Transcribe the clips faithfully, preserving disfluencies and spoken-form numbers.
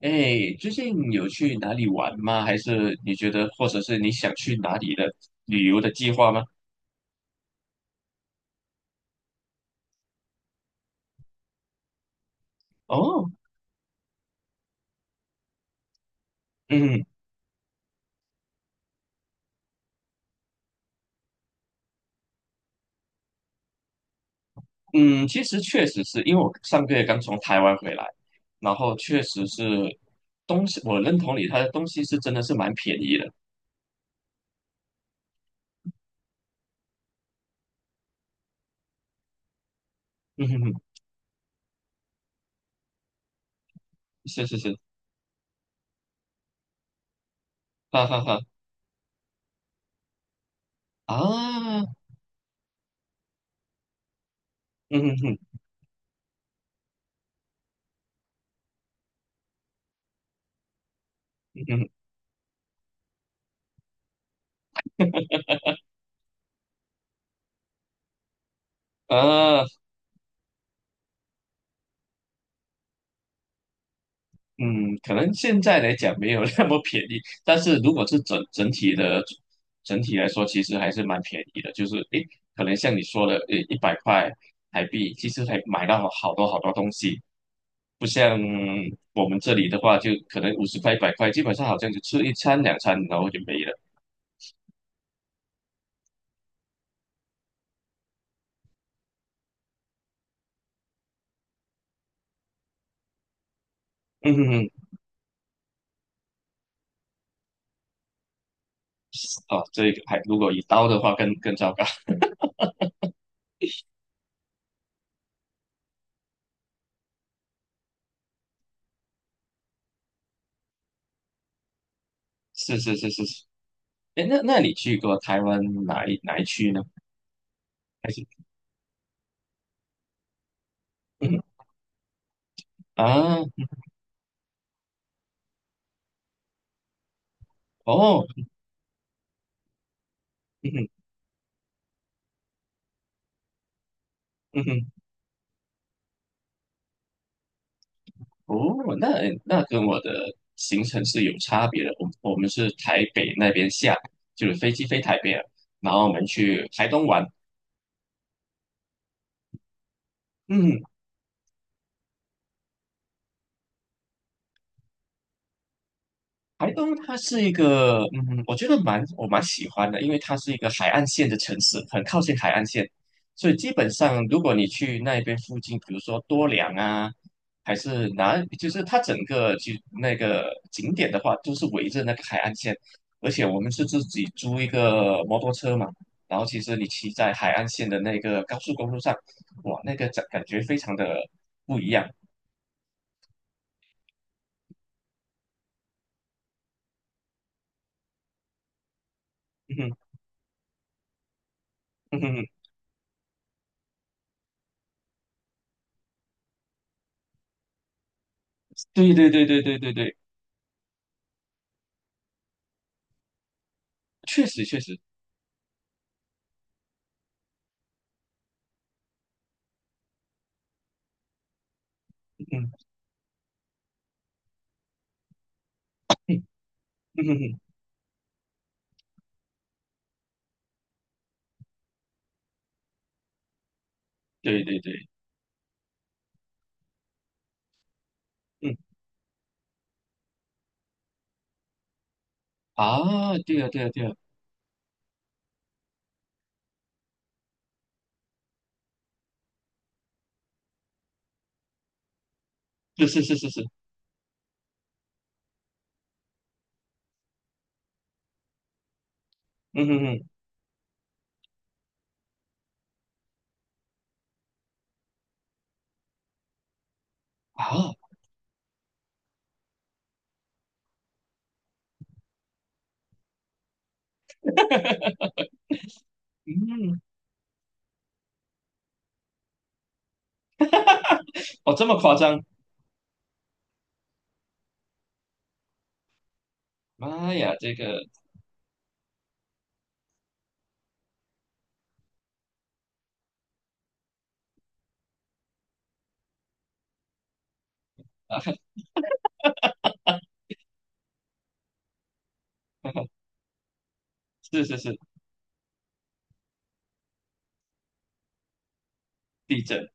哎，最近有去哪里玩吗？还是你觉得，或者是你想去哪里的旅游的计划吗？哦，嗯嗯，其实确实是因为我上个月刚从台湾回来，然后确实是东西，我认同你，它的东西是真的是蛮便宜的。嗯哼哼，是是是，哈哈哈啊，嗯哼哼，嗯哼哼啊。嗯，可能现在来讲没有那么便宜，但是如果是整整体的整体来说，其实还是蛮便宜的。就是诶，可能像你说的，诶，一百块台币，其实还买到好多好多东西，不像我们这里的话，就可能五十块、一百块，基本上好像就吃一餐两餐，然后就没了。嗯哼哼，哦，这个还如果一刀的话更更糟糕。是是是是是，哎，那那你去过台湾哪一哪一区呢？还是嗯哼啊哦嗯哼嗯哼。嗯哦，那那跟我的行程是有差别的。我我们是台北那边下，就是飞机飞台北了，然后我们去台东玩。嗯，台东它是一个，嗯，我觉得蛮我蛮喜欢的，因为它是一个海岸线的城市，很靠近海岸线，所以基本上如果你去那边附近，比如说多良啊，还是哪，就是它整个就那个景点的话，都是围着那个海岸线，而且我们是自己租一个摩托车嘛，然后其实你骑在海岸线的那个高速公路上，哇，那个感感觉非常的不一样，嗯哼，嗯哼，对对对对对对对，确实确实，嗯。嗯哼哼，对对对，嗯啊，对啊对啊对啊，是是是是是，嗯哼哼啊，嗯，哦这么夸张，妈呀，这个啊，是是是，地震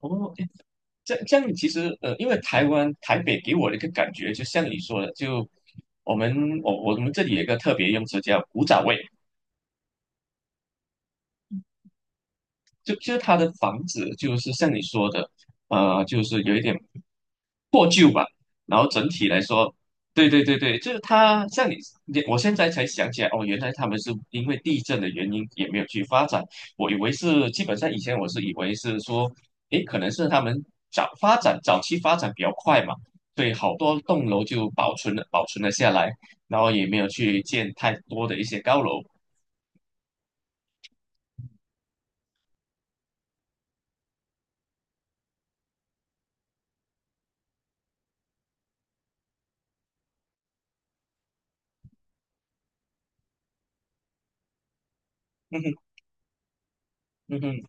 哦，诶这这样其实呃，因为台湾台北给我的一个感觉，就像你说的，就我们我我们这里有一个特别用词叫古早味，就就是它的房子就是像你说的，呃，就是有一点破旧吧。然后整体来说，对对对对，就是它像你，你我现在才想起来，哦，原来他们是因为地震的原因也没有去发展。我以为是基本上以前我是以为是说，诶，可能是他们早发展早期发展比较快嘛，对，好多栋楼就保存了保存了下来，然后也没有去建太多的一些高楼。嗯哼嗯哼，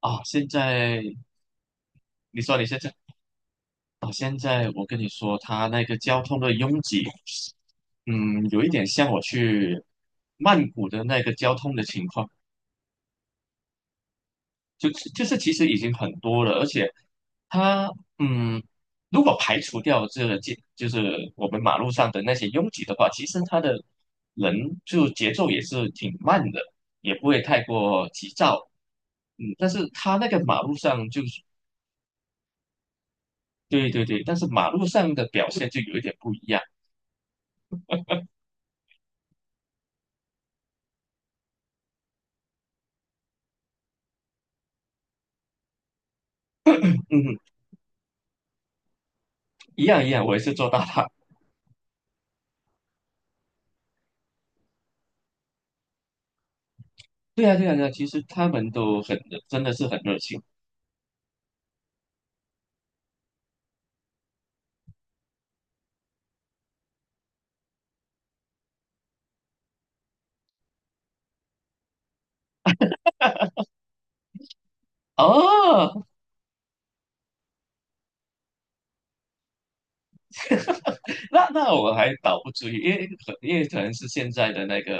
啊，现在你说你现在。啊，现在我跟你说，它那个交通的拥挤，嗯，有一点像我去曼谷的那个交通的情况，就就是其实已经很多了，而且它，嗯，如果排除掉这个街，就是我们马路上的那些拥挤的话，其实它的人就节奏也是挺慢的，也不会太过急躁，嗯，但是它那个马路上就是，对对对，但是马路上的表现就有一点不一样。嗯，一样一样，我也是做大大。对啊，对啊，对啊，其实他们都很热真的是很热情哦。那那我还倒不至于，因为可因为可能是现在的那个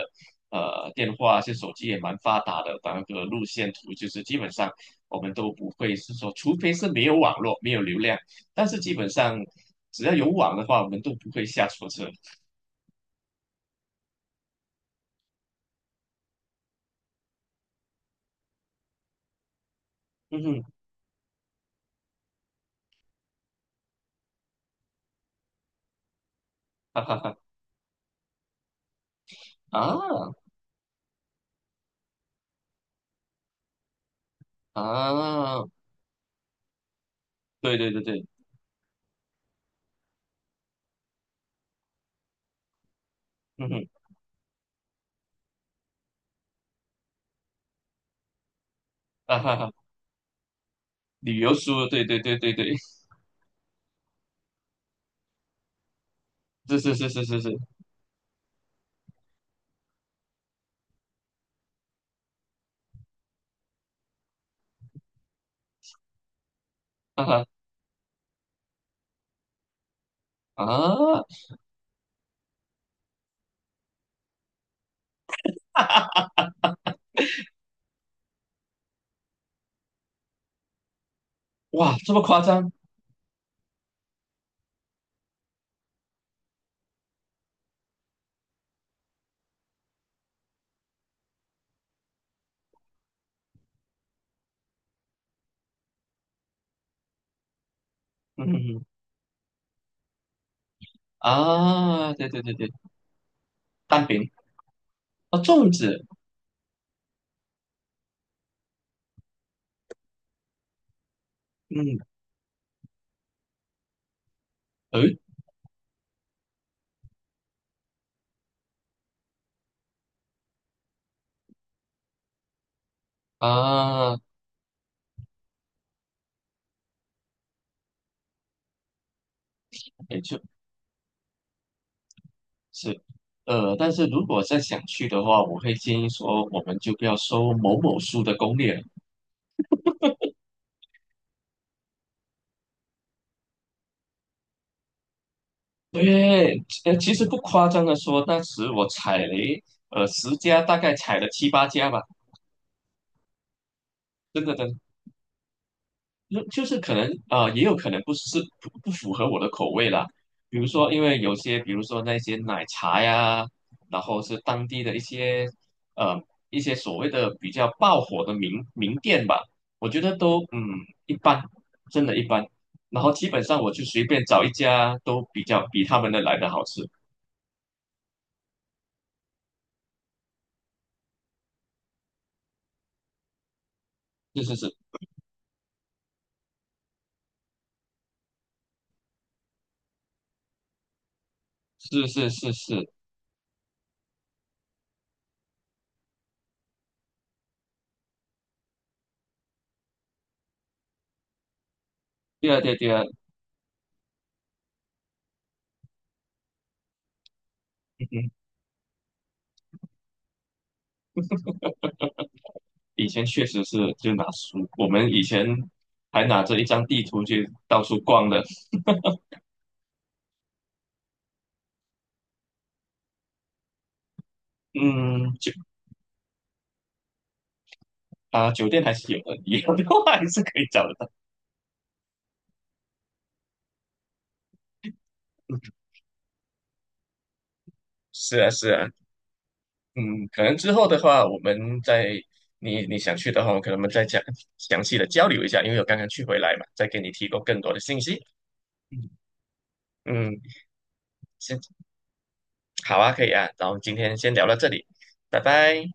呃电话啊，是手机也蛮发达的，把那个路线图就是基本上我们都不会是说，除非是没有网络没有流量，但是基本上只要有网的话，我们都不会下错车。嗯哼，哈哈哈啊啊，对对对对，嗯哼，啊哈哈，旅游书，对对对对对，是是是是是是。啊哈啊，哇，这么夸张？嗯嗯嗯啊，对对对对，蛋饼啊，粽子，嗯，诶啊，也就是呃，但是如果再想去的话，我会建议说，我们就不要收某某书的攻略了。对，呃，其实不夸张的说，当时我踩雷，呃，十家大概踩了七八家吧，真的真的。就就是可能啊、呃也有可能不是不不符合我的口味啦。比如说，因为有些，比如说那些奶茶呀，然后是当地的一些呃一些所谓的比较爆火的名名店吧，我觉得都嗯一般，真的一般。然后基本上我就随便找一家都比较比他们的来的好吃。是是是是是是是，对啊对啊对啊，嗯哼，以前确实是就拿书，我们以前还拿着一张地图去到处逛的。嗯，酒啊，酒店还是有的，以后的话还是可以找得到。是啊，是啊，嗯，可能之后的话，我们再你你想去的话，我可能我们再讲详细的交流一下，因为我刚刚去回来嘛，再给你提供更多的信息。嗯，嗯，先好啊，可以啊，然后今天先聊到这里，拜拜。